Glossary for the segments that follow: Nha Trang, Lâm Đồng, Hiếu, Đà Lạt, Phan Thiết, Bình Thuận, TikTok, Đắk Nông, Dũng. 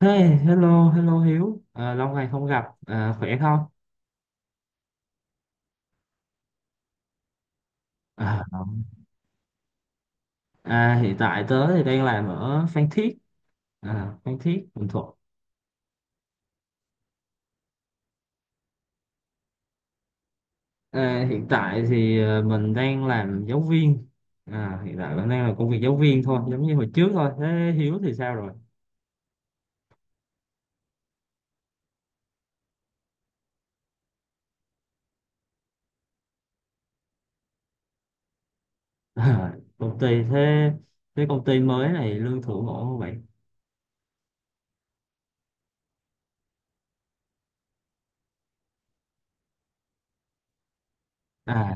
Hey, hello Hiếu, à, lâu ngày không gặp, à, khỏe không? À, à, hiện tại tớ thì đang làm ở Phan Thiết, à, Phan Thiết, Bình Thuận. À, hiện tại thì à, mình đang làm giáo viên, à, hiện tại mình đang làm công việc giáo viên thôi, giống như hồi trước thôi. Thế Hiếu thì sao rồi? À, thế công ty mới này lương thưởng ổn không vậy? À,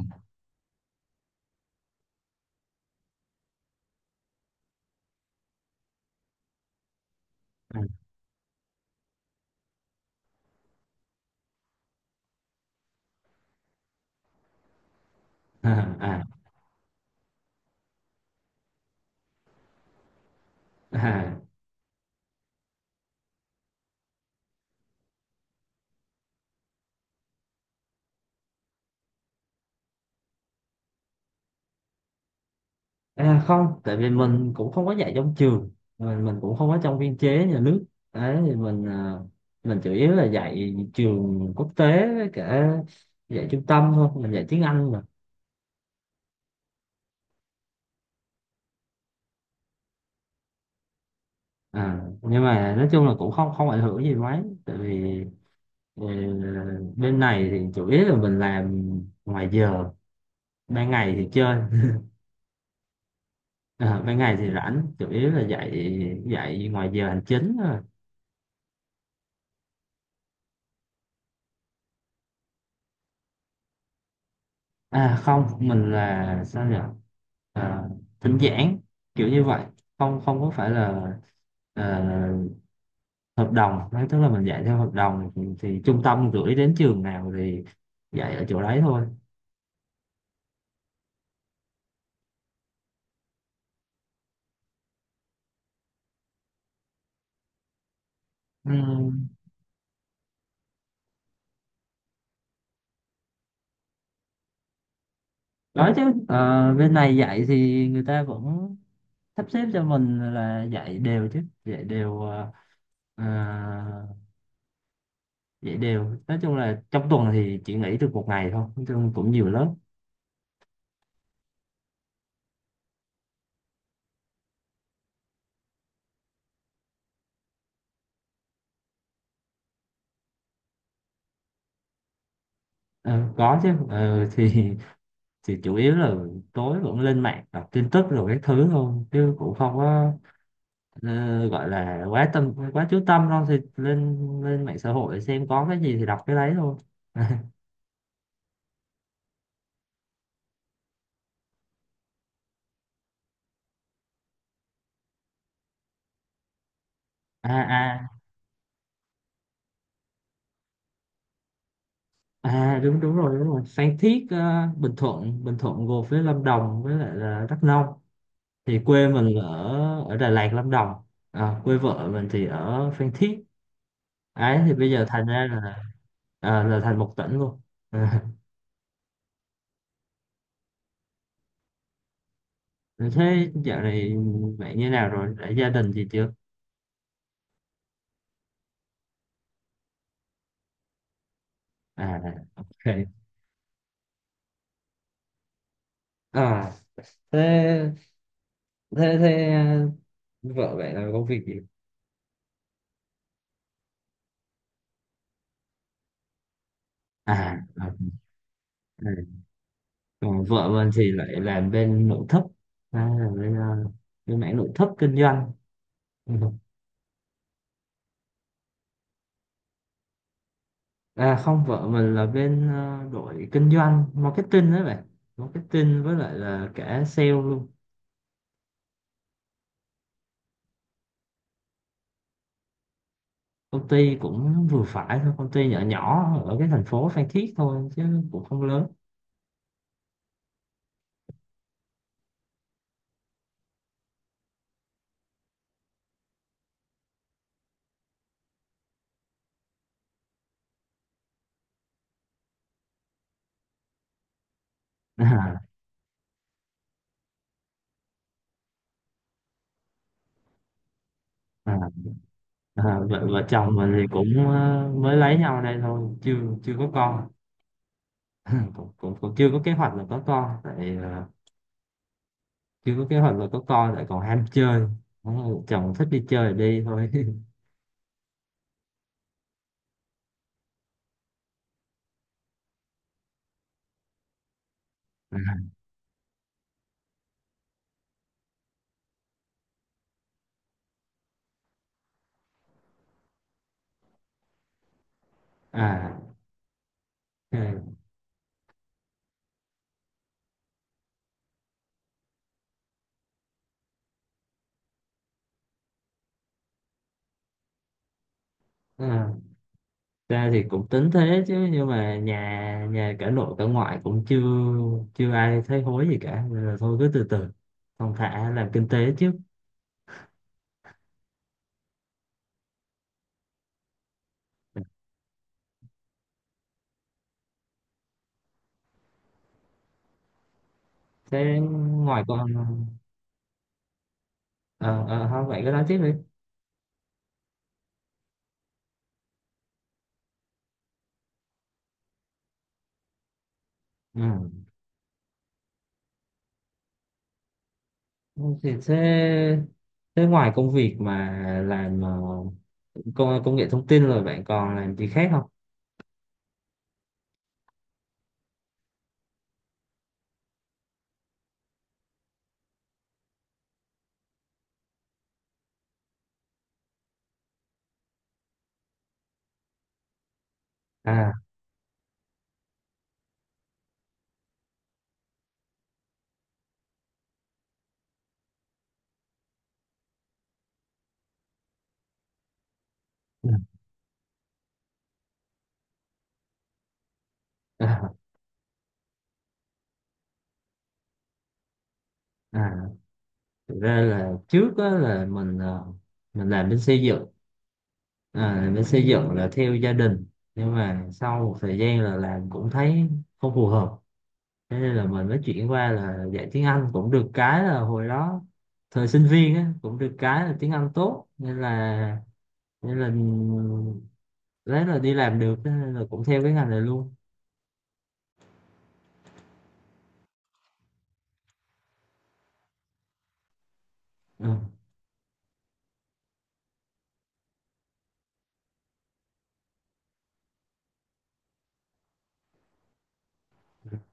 à, à, à. À không, tại vì mình cũng không có dạy trong trường, mình cũng không có trong biên chế nhà nước. Đấy thì mình chủ yếu là dạy trường quốc tế với cả dạy trung tâm thôi, mình dạy tiếng Anh mà. À, nhưng mà nói chung là cũng không không ảnh hưởng gì mấy, tại vì ừ, bên này thì chủ yếu là mình làm ngoài giờ, ban ngày thì chơi. À, ban ngày thì rảnh, chủ yếu là dạy dạy ngoài giờ hành chính thôi. À không, mình là sao nhỉ? À, thỉnh giảng kiểu như vậy, không không có phải là ờ, hợp đồng. Đấy tức là mình dạy theo hợp đồng thì, trung tâm gửi đến trường nào thì dạy ở chỗ đấy thôi. Ừ. Đó chứ bên này dạy thì người ta vẫn sắp xếp cho mình là dạy đều chứ, dạy đều ờ, dạy đều. Nói chung là trong tuần thì chỉ nghỉ được một ngày thôi, nói chung cũng nhiều lớp. Ờ, có chứ. Thì chủ yếu là tối vẫn lên mạng đọc tin tức rồi cái thứ thôi chứ cũng không có gọi là quá chú tâm đâu, thì lên lên mạng xã hội xem có cái gì thì đọc cái đấy thôi. À, à, à, đúng đúng rồi, đúng rồi. Phan Thiết, Bình Thuận gồm với Lâm Đồng với lại là Đắk Nông, thì quê mình ở ở Đà Lạt Lâm Đồng, à, quê vợ mình thì ở Phan Thiết ấy, thì bây giờ thành ra là thành một tỉnh luôn. Rồi. Thế dạo này bạn như nào rồi? Đã gia đình gì chưa? À, ok. À, thế thế thế à, vợ bạn làm công việc gì? À, à, à. Còn vợ mình thì lại làm bên nội thất, à, làm bên mảng nội thất kinh doanh. Ừ. À không, vợ mình là bên đội kinh doanh, marketing đấy bạn. Marketing với lại là cả sale luôn. Công ty cũng vừa phải thôi, công ty nhỏ nhỏ ở cái thành phố Phan Thiết thôi chứ cũng không lớn. À, à. À, vợ chồng mình thì cũng mới lấy nhau đây thôi, chưa chưa có con. cũng, cũng cũng chưa có kế hoạch là có con, tại chưa có kế hoạch là có con, lại còn ham chơi. Đúng rồi, chồng thích đi chơi thì đi thôi. À, ok. À, ra thì cũng tính thế chứ nhưng mà nhà nhà cả nội cả ngoại cũng chưa chưa ai thấy hối gì cả, nên là thôi cứ từ từ thong thả làm kinh tế trước. Thế ngoài con, ờ thôi vậy cứ nói tiếp đi. Ừ. Không thì thế thế ngoài công việc mà làm công công nghệ thông tin rồi bạn còn làm gì khác không? À, ừ. À, à, thực ra là trước á là mình làm bên xây dựng, à, làm bên xây dựng là theo gia đình, nhưng mà sau một thời gian là làm cũng thấy không phù hợp, thế nên là mình mới chuyển qua là dạy tiếng Anh. Cũng được cái là hồi đó thời sinh viên á, cũng được cái là tiếng Anh tốt, nên là đấy là đi làm được, thế nên là cũng theo cái ngành này luôn. Ừ,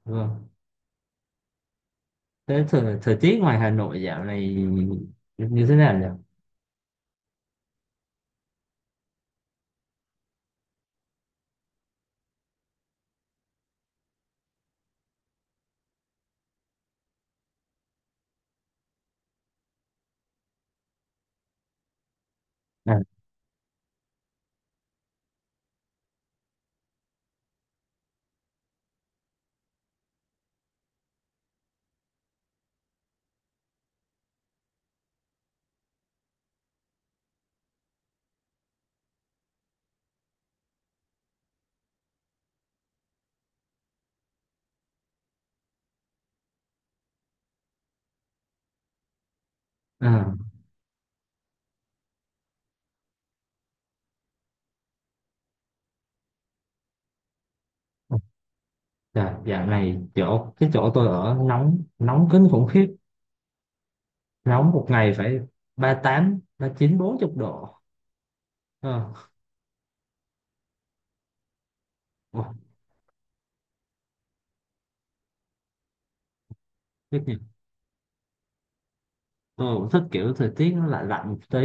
vâng. Thế thời tiết ngoài Hà Nội dạo này như thế nào nhỉ? À, à, dạ, dạo này chỗ cái chỗ tôi ở nóng nóng kinh khủng khiếp, nóng một ngày phải ba ba tám ba chín bốn chục độ. Ờ, ôi, biết nhỉ. Tôi cũng thích kiểu thời tiết nó lạnh lạnh một tí.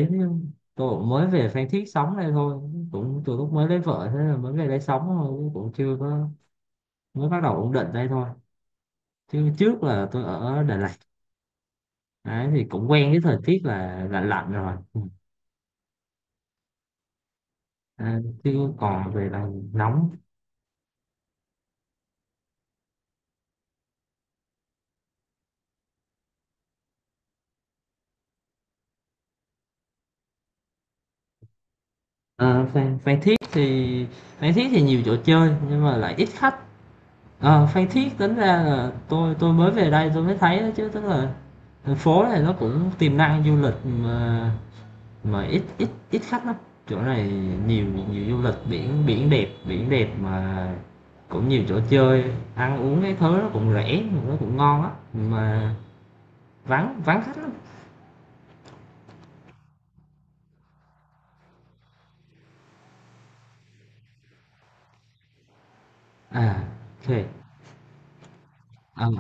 Tôi cũng mới về Phan Thiết sống đây thôi, cũng từ lúc mới lấy vợ thế là mới về đây sống thôi, cũng chưa có, mới bắt đầu ổn định đây thôi, chứ trước là tôi ở Đà Lạt. Đấy, thì cũng quen với thời tiết là lạnh lạnh rồi. Ừ. À, chứ còn về là nóng. Ờ, Phan Thiết thì nhiều chỗ chơi nhưng mà lại ít khách. Ờ, Phan Thiết tính ra là tôi mới về đây tôi mới thấy đó chứ, tức là thành phố này nó cũng tiềm năng du lịch mà, ít ít ít khách lắm chỗ này. Nhiều nhiều du lịch biển, biển đẹp, biển đẹp mà, cũng nhiều chỗ chơi, ăn uống cái thứ nó cũng rẻ nó cũng ngon á mà, vắng vắng khách lắm. À, OK. À,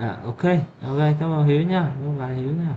à, OK, OK, cảm ơn Hiếu nha, cảm ơn bạn Hiếu nha.